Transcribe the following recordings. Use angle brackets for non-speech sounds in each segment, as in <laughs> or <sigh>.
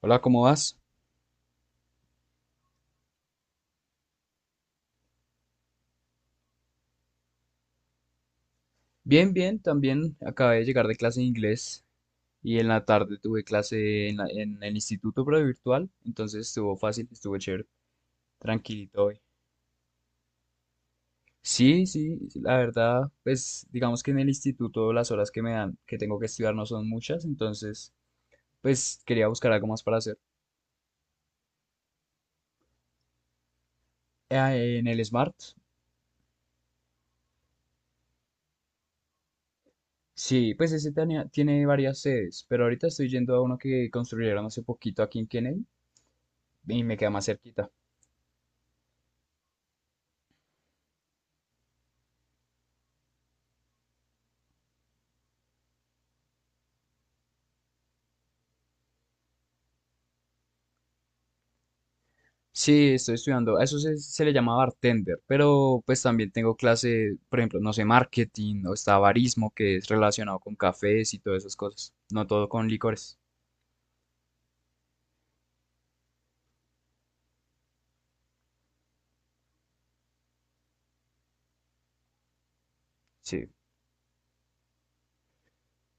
Hola, ¿cómo vas? Bien, bien, también acabé de llegar de clase de inglés y en la tarde tuve clase en, en el instituto, pero virtual, entonces estuvo fácil, estuvo chévere, tranquilito hoy. Sí, sí, la verdad, pues digamos que en el instituto las horas que me dan, que tengo que estudiar no son muchas, entonces pues quería buscar algo más para hacer. Ah, en el Smart, sí, pues ese tiene varias sedes, pero ahorita estoy yendo a uno que construyeron hace poquito aquí en Kennedy y me queda más cerquita. Sí, estoy estudiando. A eso se le llama bartender, pero pues también tengo clase, por ejemplo, no sé, marketing o está barismo, que es relacionado con cafés y todas esas cosas. No todo con licores. Sí.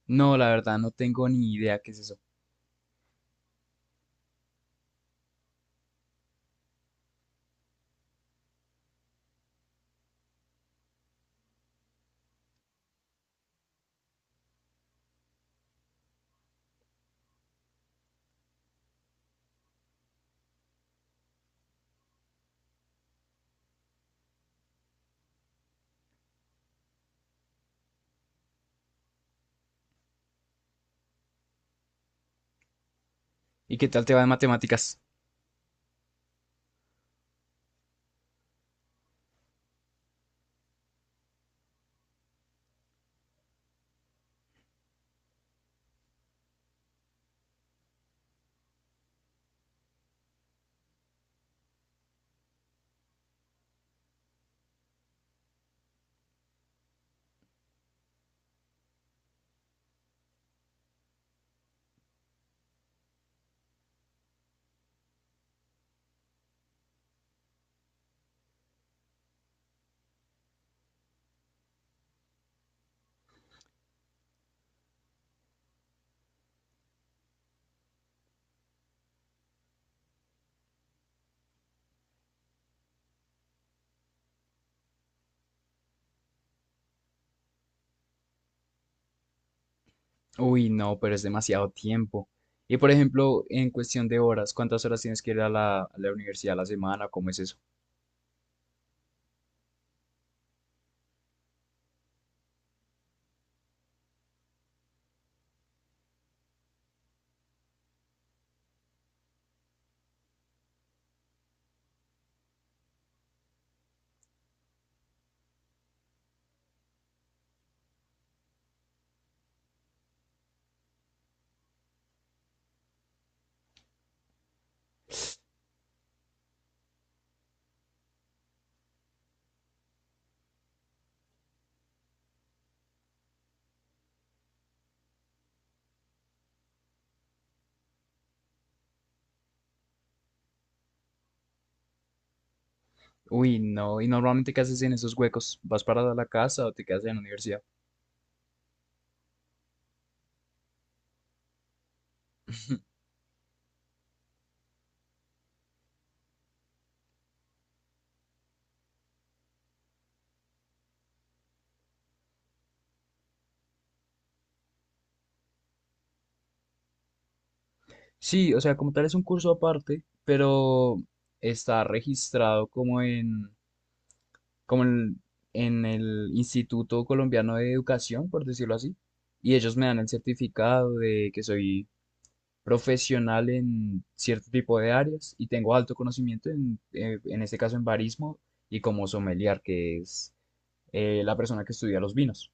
No, la verdad, no tengo ni idea qué es eso. ¿Y qué tal te va en matemáticas? Uy, no, pero es demasiado tiempo. Y por ejemplo, en cuestión de horas, ¿cuántas horas tienes que ir a la universidad a la semana? ¿Cómo es eso? Uy, no. ¿Y normalmente qué haces en esos huecos? ¿Vas para la casa o te quedas en la universidad? Sí, o sea, como tal es un curso aparte, pero está registrado como en, en el Instituto Colombiano de Educación, por decirlo así, y ellos me dan el certificado de que soy profesional en cierto tipo de áreas y tengo alto conocimiento en este caso en barismo y como sommelier, que es la persona que estudia los vinos.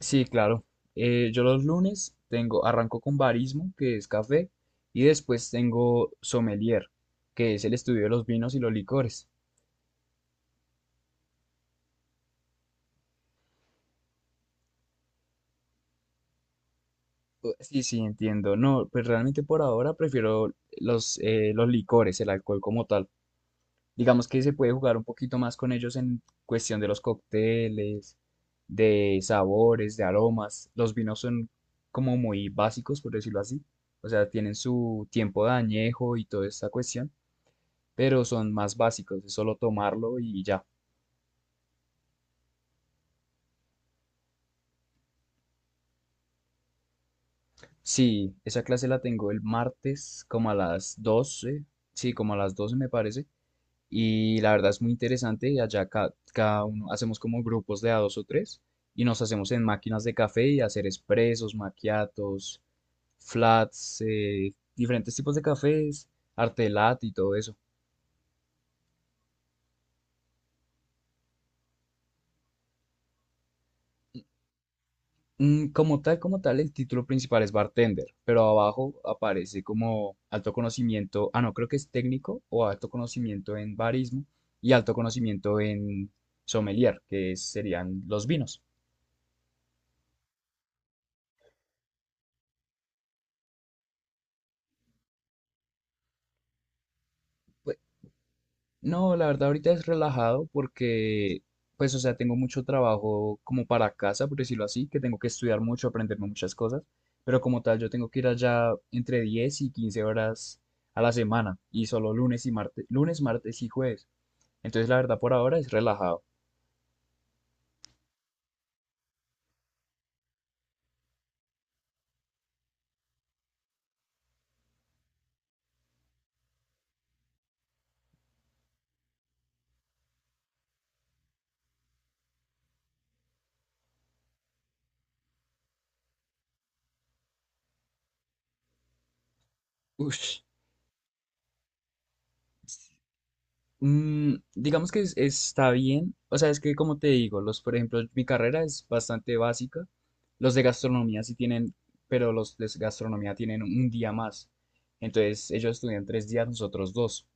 Sí, claro. Yo los lunes arranco con barismo, que es café, y después tengo sommelier, que es el estudio de los vinos y los licores. Sí, sí, entiendo. No, pues realmente por ahora prefiero los licores, el alcohol como tal. Digamos que se puede jugar un poquito más con ellos en cuestión de los cócteles, de sabores, de aromas. Los vinos son como muy básicos, por decirlo así. O sea, tienen su tiempo de añejo y toda esta cuestión, pero son más básicos, es solo tomarlo y ya. Sí, esa clase la tengo el martes como a las 12, sí, como a las 12 me parece, y la verdad es muy interesante y allá cada uno hacemos como grupos de a dos o tres y nos hacemos en máquinas de café y hacer expresos, maquiatos, flats, diferentes tipos de cafés, arte latte y todo eso. Como tal, el título principal es bartender, pero abajo aparece como alto conocimiento, ah, no, creo que es técnico o alto conocimiento en barismo y alto conocimiento en sommelier, serían los vinos. Pues, no, la verdad ahorita es relajado porque, pues, o sea, tengo mucho trabajo como para casa, por decirlo así, que tengo que estudiar mucho, aprenderme muchas cosas, pero como tal, yo tengo que ir allá entre 10 y 15 horas a la semana y solo lunes y martes, lunes, martes y jueves. Entonces, la verdad, por ahora es relajado. Uy, digamos que está bien. O sea, es que como te digo, los, por ejemplo, mi carrera es bastante básica. Los de gastronomía sí tienen, pero los de gastronomía tienen un día más. Entonces, ellos estudian 3 días, nosotros dos.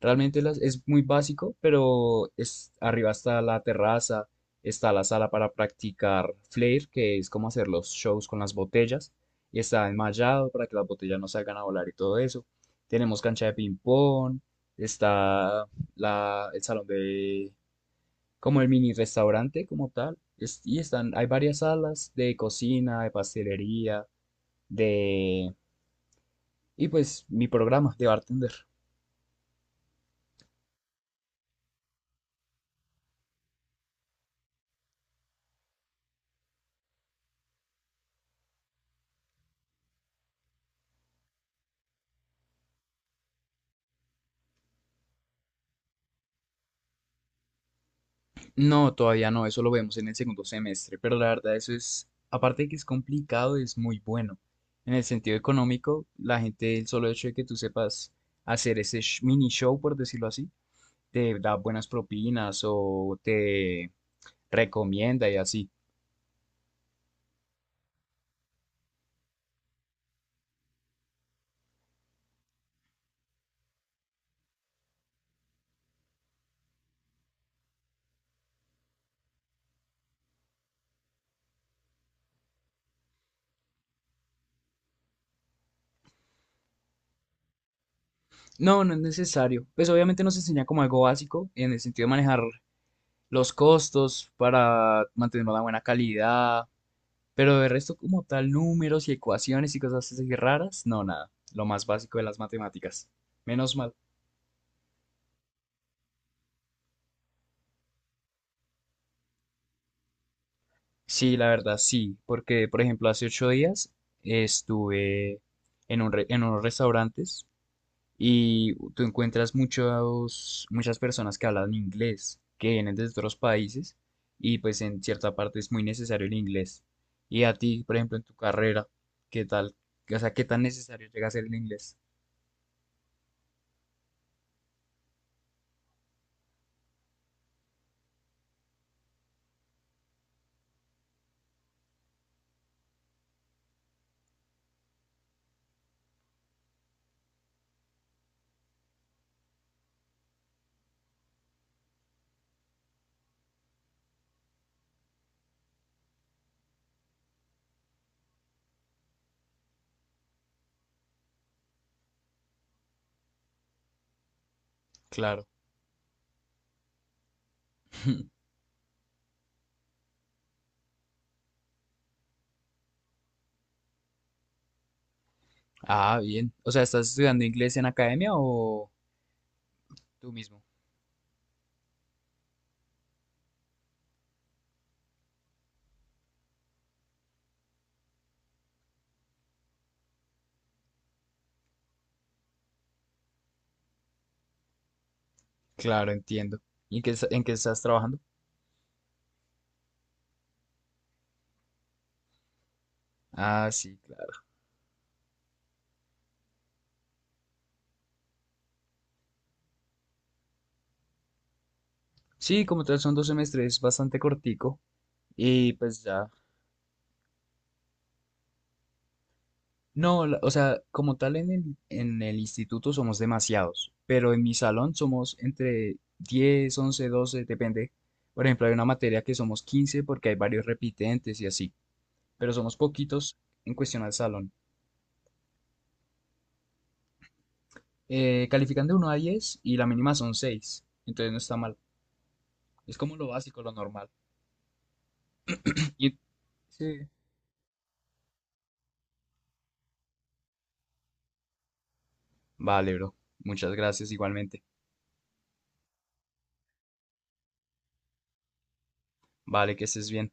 Realmente es muy básico, pero arriba está la terraza, está la sala para practicar flair, que es como hacer los shows con las botellas, y está enmallado para que las botellas no salgan a volar y todo eso. Tenemos cancha de ping pong, está la, el salón de, como el mini restaurante como tal. Y están, hay varias salas de cocina, de pastelería, de. Y pues mi programa de bartender. No, todavía no, eso lo vemos en el segundo semestre, pero la verdad eso es, aparte de que es complicado, es muy bueno. En el sentido económico, la gente, el solo hecho de que tú sepas hacer ese mini show, por decirlo así, te da buenas propinas o te recomienda y así. No, no es necesario. Pues obviamente nos enseña como algo básico en el sentido de manejar los costos para mantener una buena calidad, pero de resto como tal números y ecuaciones y cosas así raras, no, nada. Lo más básico de las matemáticas. Menos mal. Sí, la verdad, sí, porque por ejemplo hace 8 días estuve en unos restaurantes. Y tú encuentras muchos, muchas personas que hablan inglés, que vienen de otros países, y pues en cierta parte es muy necesario el inglés. Y a ti, por ejemplo, en tu carrera, ¿qué tal? O sea, ¿qué tan necesario llega a ser el inglés? Claro. <laughs> Ah, bien. O sea, ¿estás estudiando inglés en academia o tú mismo? Claro, entiendo. ¿Y en qué, en qué estás trabajando? Ah, sí, claro. Sí, como tal son dos semestres, es bastante cortico. Y pues ya, no, o sea, como tal en el instituto somos demasiados, pero en mi salón somos entre 10, 11, 12, depende. Por ejemplo, hay una materia que somos 15 porque hay varios repitentes y así, pero somos poquitos en cuestión al salón. Califican de 1 a diez y la mínima son 6, entonces no está mal. Es como lo básico, lo normal. <clears throat> <laughs> Y, sí. Vale, bro. Muchas gracias igualmente. Vale, que estés bien.